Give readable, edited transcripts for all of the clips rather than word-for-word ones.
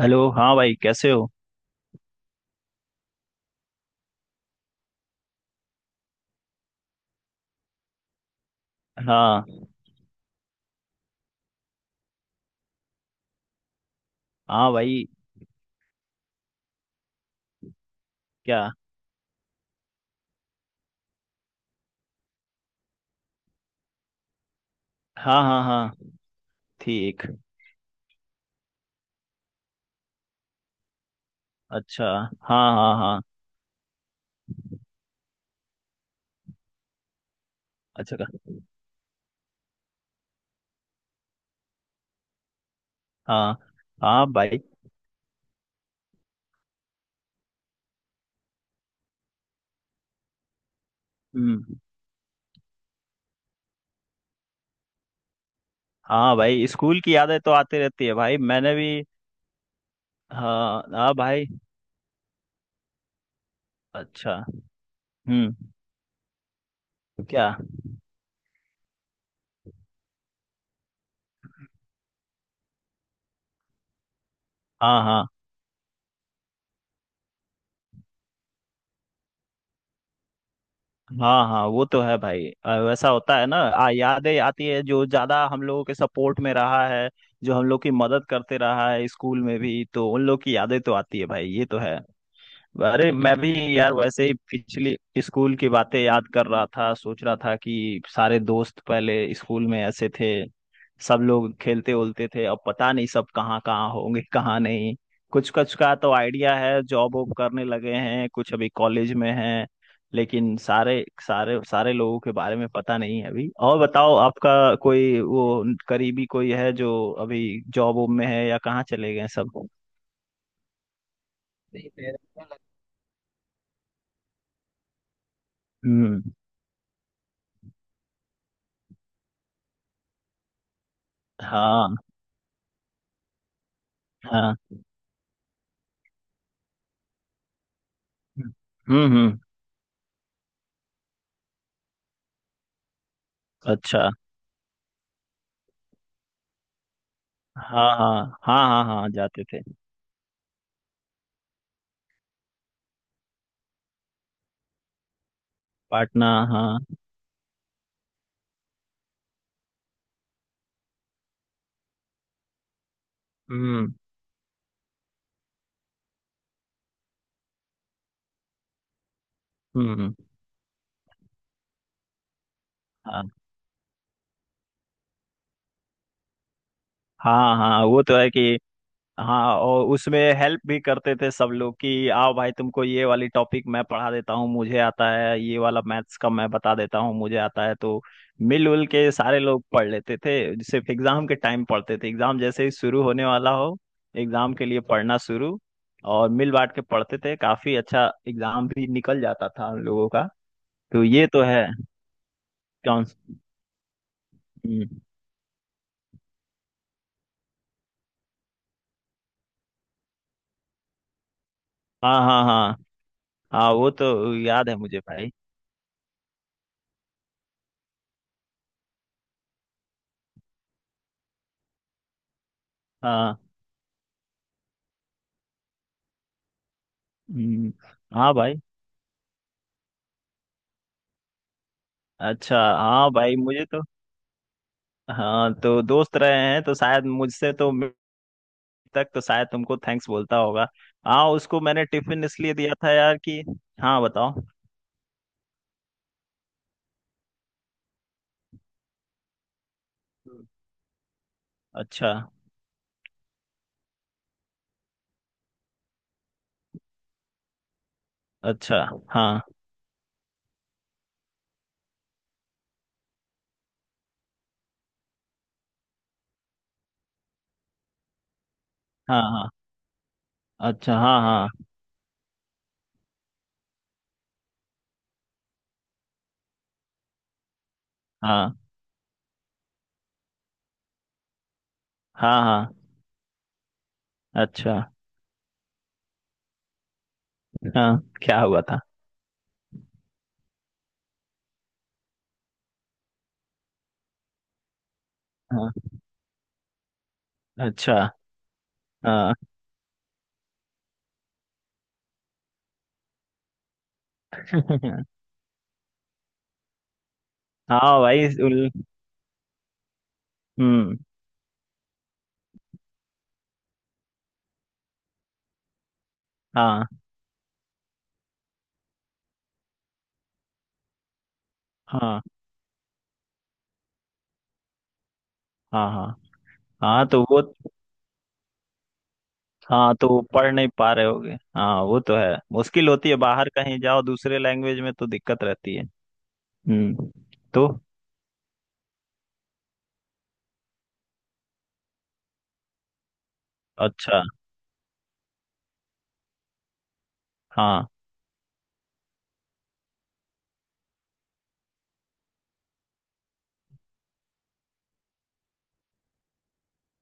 Hello. हाँ भाई, कैसे हो? हाँ। हाँ भाई, क्या? हाँ हाँ हाँ। ठीक। अच्छा। हाँ हाँ हाँ। अच्छा का। हाँ हाँ भाई। हम्म। हाँ भाई, स्कूल की यादें तो आती रहती है भाई। मैंने भी हाँ हाँ भाई। अच्छा। हम्म। क्या? हाँ हाँ हाँ। हाँ, वो तो है भाई। वैसा होता है ना। यादें आती है जो ज्यादा हम लोगों के सपोर्ट में रहा है, जो हम लोग की मदद करते रहा है स्कूल में भी, तो उन लोग की यादें तो आती है भाई। ये तो है। अरे मैं भी यार, वैसे ही पिछली स्कूल की बातें याद कर रहा था। सोच रहा था कि सारे दोस्त पहले स्कूल में ऐसे थे, सब लोग खेलते उलते थे। अब पता नहीं सब कहाँ कहाँ होंगे, कहाँ नहीं। कुछ कुछ का तो आइडिया है, जॉब वॉब करने लगे हैं, कुछ अभी कॉलेज में हैं। लेकिन सारे सारे सारे लोगों के बारे में पता नहीं है अभी। और बताओ, आपका कोई वो करीबी कोई है जो अभी जॉब वॉब में है या कहाँ चले गए सब? हम्म। हाँ हाँ। हम्म। अच्छा। हाँ हाँ हाँ। हाँ हाँ जाते थे। पाटना। हाँ। हम्म हम्म। हाँ हाँ। हाँ, वो तो है कि हाँ। और उसमें हेल्प भी करते थे सब लोग कि आओ भाई तुमको ये वाली टॉपिक मैं पढ़ा देता हूँ, मुझे आता है। ये वाला मैथ्स का मैं बता देता हूँ, मुझे आता है। तो मिलजुल के सारे लोग पढ़ लेते थे। सिर्फ एग्जाम के टाइम पढ़ते थे। एग्जाम जैसे ही शुरू होने वाला हो, एग्जाम के लिए पढ़ना शुरू। और मिल बांट के पढ़ते थे, काफी अच्छा एग्जाम भी निकल जाता था हम लोगों का। तो ये तो है। कौन? हम्म। हाँ हाँ हाँ। हाँ, वो तो याद है मुझे भाई। हाँ। हम्म। हाँ भाई। अच्छा हाँ भाई, मुझे तो हाँ, तो दोस्त रहे हैं तो शायद मुझसे तो मिड तक तो शायद तुमको थैंक्स बोलता होगा। हाँ, उसको मैंने टिफिन इसलिए दिया था यार कि हाँ बताओ। अच्छा। अच्छा। हाँ हाँ। हाँ। अच्छा। हाँ हाँ हाँ। हाँ हाँ। अच्छा। हाँ, क्या हुआ था? हाँ। अच्छा। हाँ। हाँ भाई उल- हम्म। हाँ हाँ हाँ। हाँ। हाँ तो वो हाँ तो वो पढ़ नहीं पा रहे होगे। हाँ, वो तो है, मुश्किल होती है, बाहर कहीं जाओ दूसरे लैंग्वेज में तो दिक्कत रहती है। हम्म। तो अच्छा। हाँ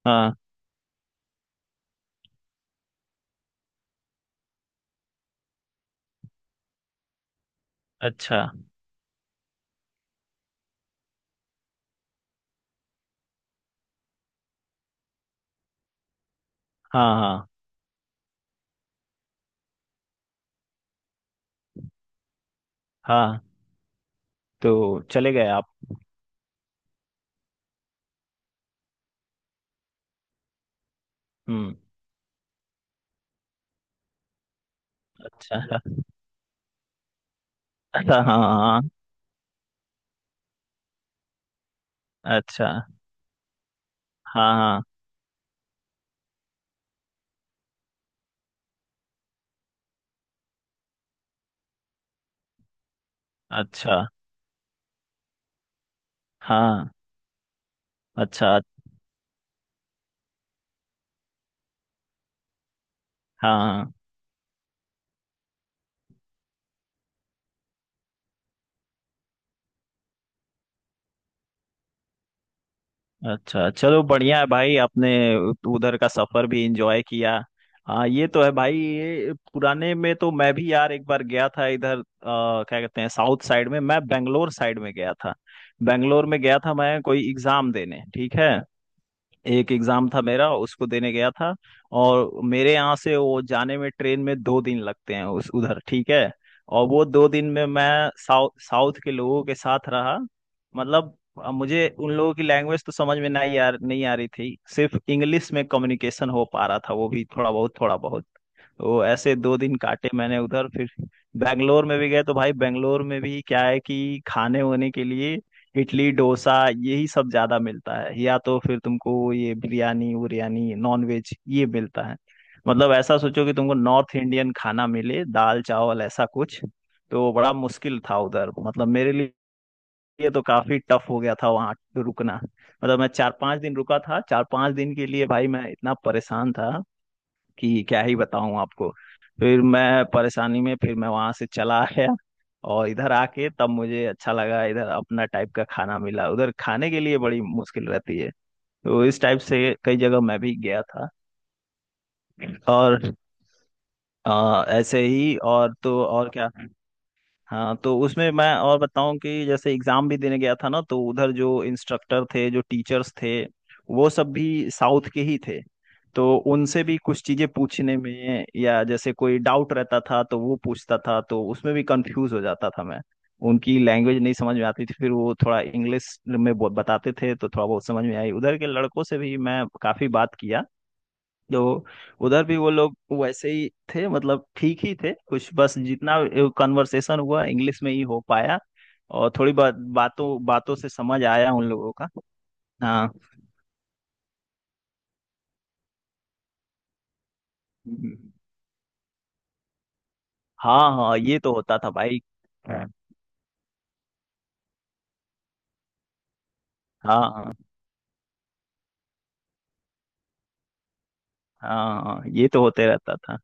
हाँ। अच्छा। हाँ हाँ हाँ। तो चले गए आप? हम्म। अच्छा। हाँ हाँ। अच्छा। हाँ हाँ। अच्छा। हाँ। अच्छा। हाँ हाँ। अच्छा चलो बढ़िया है भाई, आपने उधर का सफर भी एंजॉय किया। हाँ ये तो है भाई। ये पुराने में तो मैं भी यार एक बार गया था इधर, क्या कहते हैं, साउथ साइड में, मैं बेंगलोर साइड में गया था। बेंगलोर में गया था मैं, कोई एग्जाम देने। ठीक है, एक एग्जाम था मेरा, उसको देने गया था। और मेरे यहाँ से वो जाने में ट्रेन में दो दिन लगते हैं उस उधर। ठीक है, और वो दो दिन में मैं साउथ साउथ के लोगों के साथ रहा। मतलब मुझे उन लोगों की लैंग्वेज तो समझ में नहीं आ रही थी। सिर्फ इंग्लिश में कम्युनिकेशन हो पा रहा था, वो भी थोड़ा बहुत थोड़ा बहुत। वो ऐसे दो दिन काटे मैंने उधर। फिर बेंगलोर में भी गए तो भाई बेंगलोर में भी क्या है कि खाने होने के लिए इडली डोसा यही सब ज्यादा मिलता है, या तो फिर तुमको ये बिरयानी उरियानी नॉन वेज ये मिलता है। मतलब ऐसा सोचो कि तुमको नॉर्थ इंडियन खाना मिले, दाल चावल ऐसा कुछ, तो बड़ा मुश्किल था उधर, मतलब मेरे लिए। तो काफी टफ हो गया था वहाँ रुकना। मतलब मैं चार पांच दिन रुका था, चार पांच दिन के लिए भाई मैं इतना परेशान था कि क्या ही बताऊं आपको। फिर मैं परेशानी में फिर मैं वहां से चला आया। और इधर आके तब मुझे अच्छा लगा, इधर अपना टाइप का खाना मिला, उधर खाने के लिए बड़ी मुश्किल रहती है। तो इस टाइप से कई जगह मैं भी गया था। और ऐसे ही, और तो और क्या। हाँ तो उसमें मैं और बताऊं कि जैसे एग्जाम भी देने गया था ना तो उधर जो इंस्ट्रक्टर थे, जो टीचर्स थे, वो सब भी साउथ के ही थे। तो उनसे भी कुछ चीजें पूछने में या जैसे कोई डाउट रहता था तो वो पूछता था तो उसमें भी कंफ्यूज हो जाता था मैं, उनकी लैंग्वेज नहीं समझ में आती थी। फिर वो थोड़ा इंग्लिश में बहुत बताते थे तो थोड़ा बहुत समझ में आई। उधर के लड़कों से भी मैं काफी बात किया। तो उधर भी वो लोग वैसे ही थे, मतलब ठीक ही थे कुछ बस, जितना कन्वर्सेशन हुआ इंग्लिश में ही हो पाया और थोड़ी बात बातों बातों से समझ आया उन लोगों का। हाँ हाँ, हाँ ये तो होता था भाई। हाँ हाँ हाँ। हाँ, ये तो होते रहता था।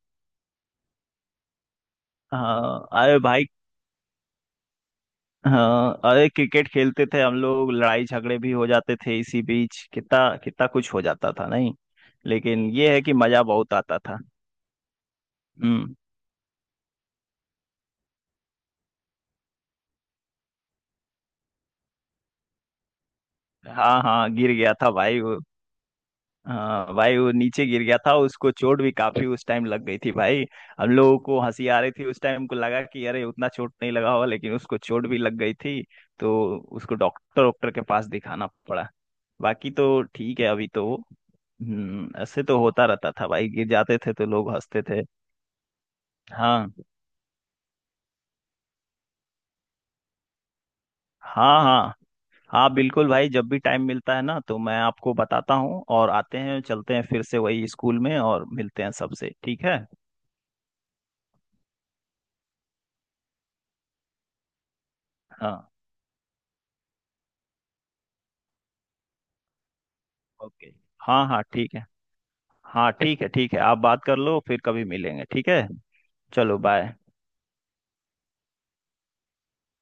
हाँ अरे भाई, हाँ अरे क्रिकेट खेलते थे हम लोग, लड़ाई झगड़े भी हो जाते थे इसी बीच, कितना कितना कुछ हो जाता था नहीं। लेकिन ये है कि मजा बहुत आता था। हम्म। हाँ हाँ गिर गया था भाई वो। हाँ भाई वो नीचे गिर गया था, उसको चोट भी काफी उस टाइम लग गई थी भाई। हम लोगों को हंसी आ रही थी उस टाइम, को लगा कि अरे उतना चोट नहीं लगा होगा, लेकिन उसको चोट भी लग गई थी। तो उसको डॉक्टर डॉक्टर के पास दिखाना पड़ा। बाकी तो ठीक है अभी तो। हम्म, ऐसे तो होता रहता था भाई, गिर जाते थे तो लोग हंसते थे। हाँ हाँ हाँ। हाँ बिल्कुल भाई, जब भी टाइम मिलता है ना तो मैं आपको बताता हूँ, और आते हैं चलते हैं फिर से वही स्कूल में, और मिलते हैं सबसे, ठीक है। हाँ ओके। हाँ हाँ ठीक है। हाँ ठीक है ठीक है, आप बात कर लो फिर कभी मिलेंगे, ठीक है। चलो बाय।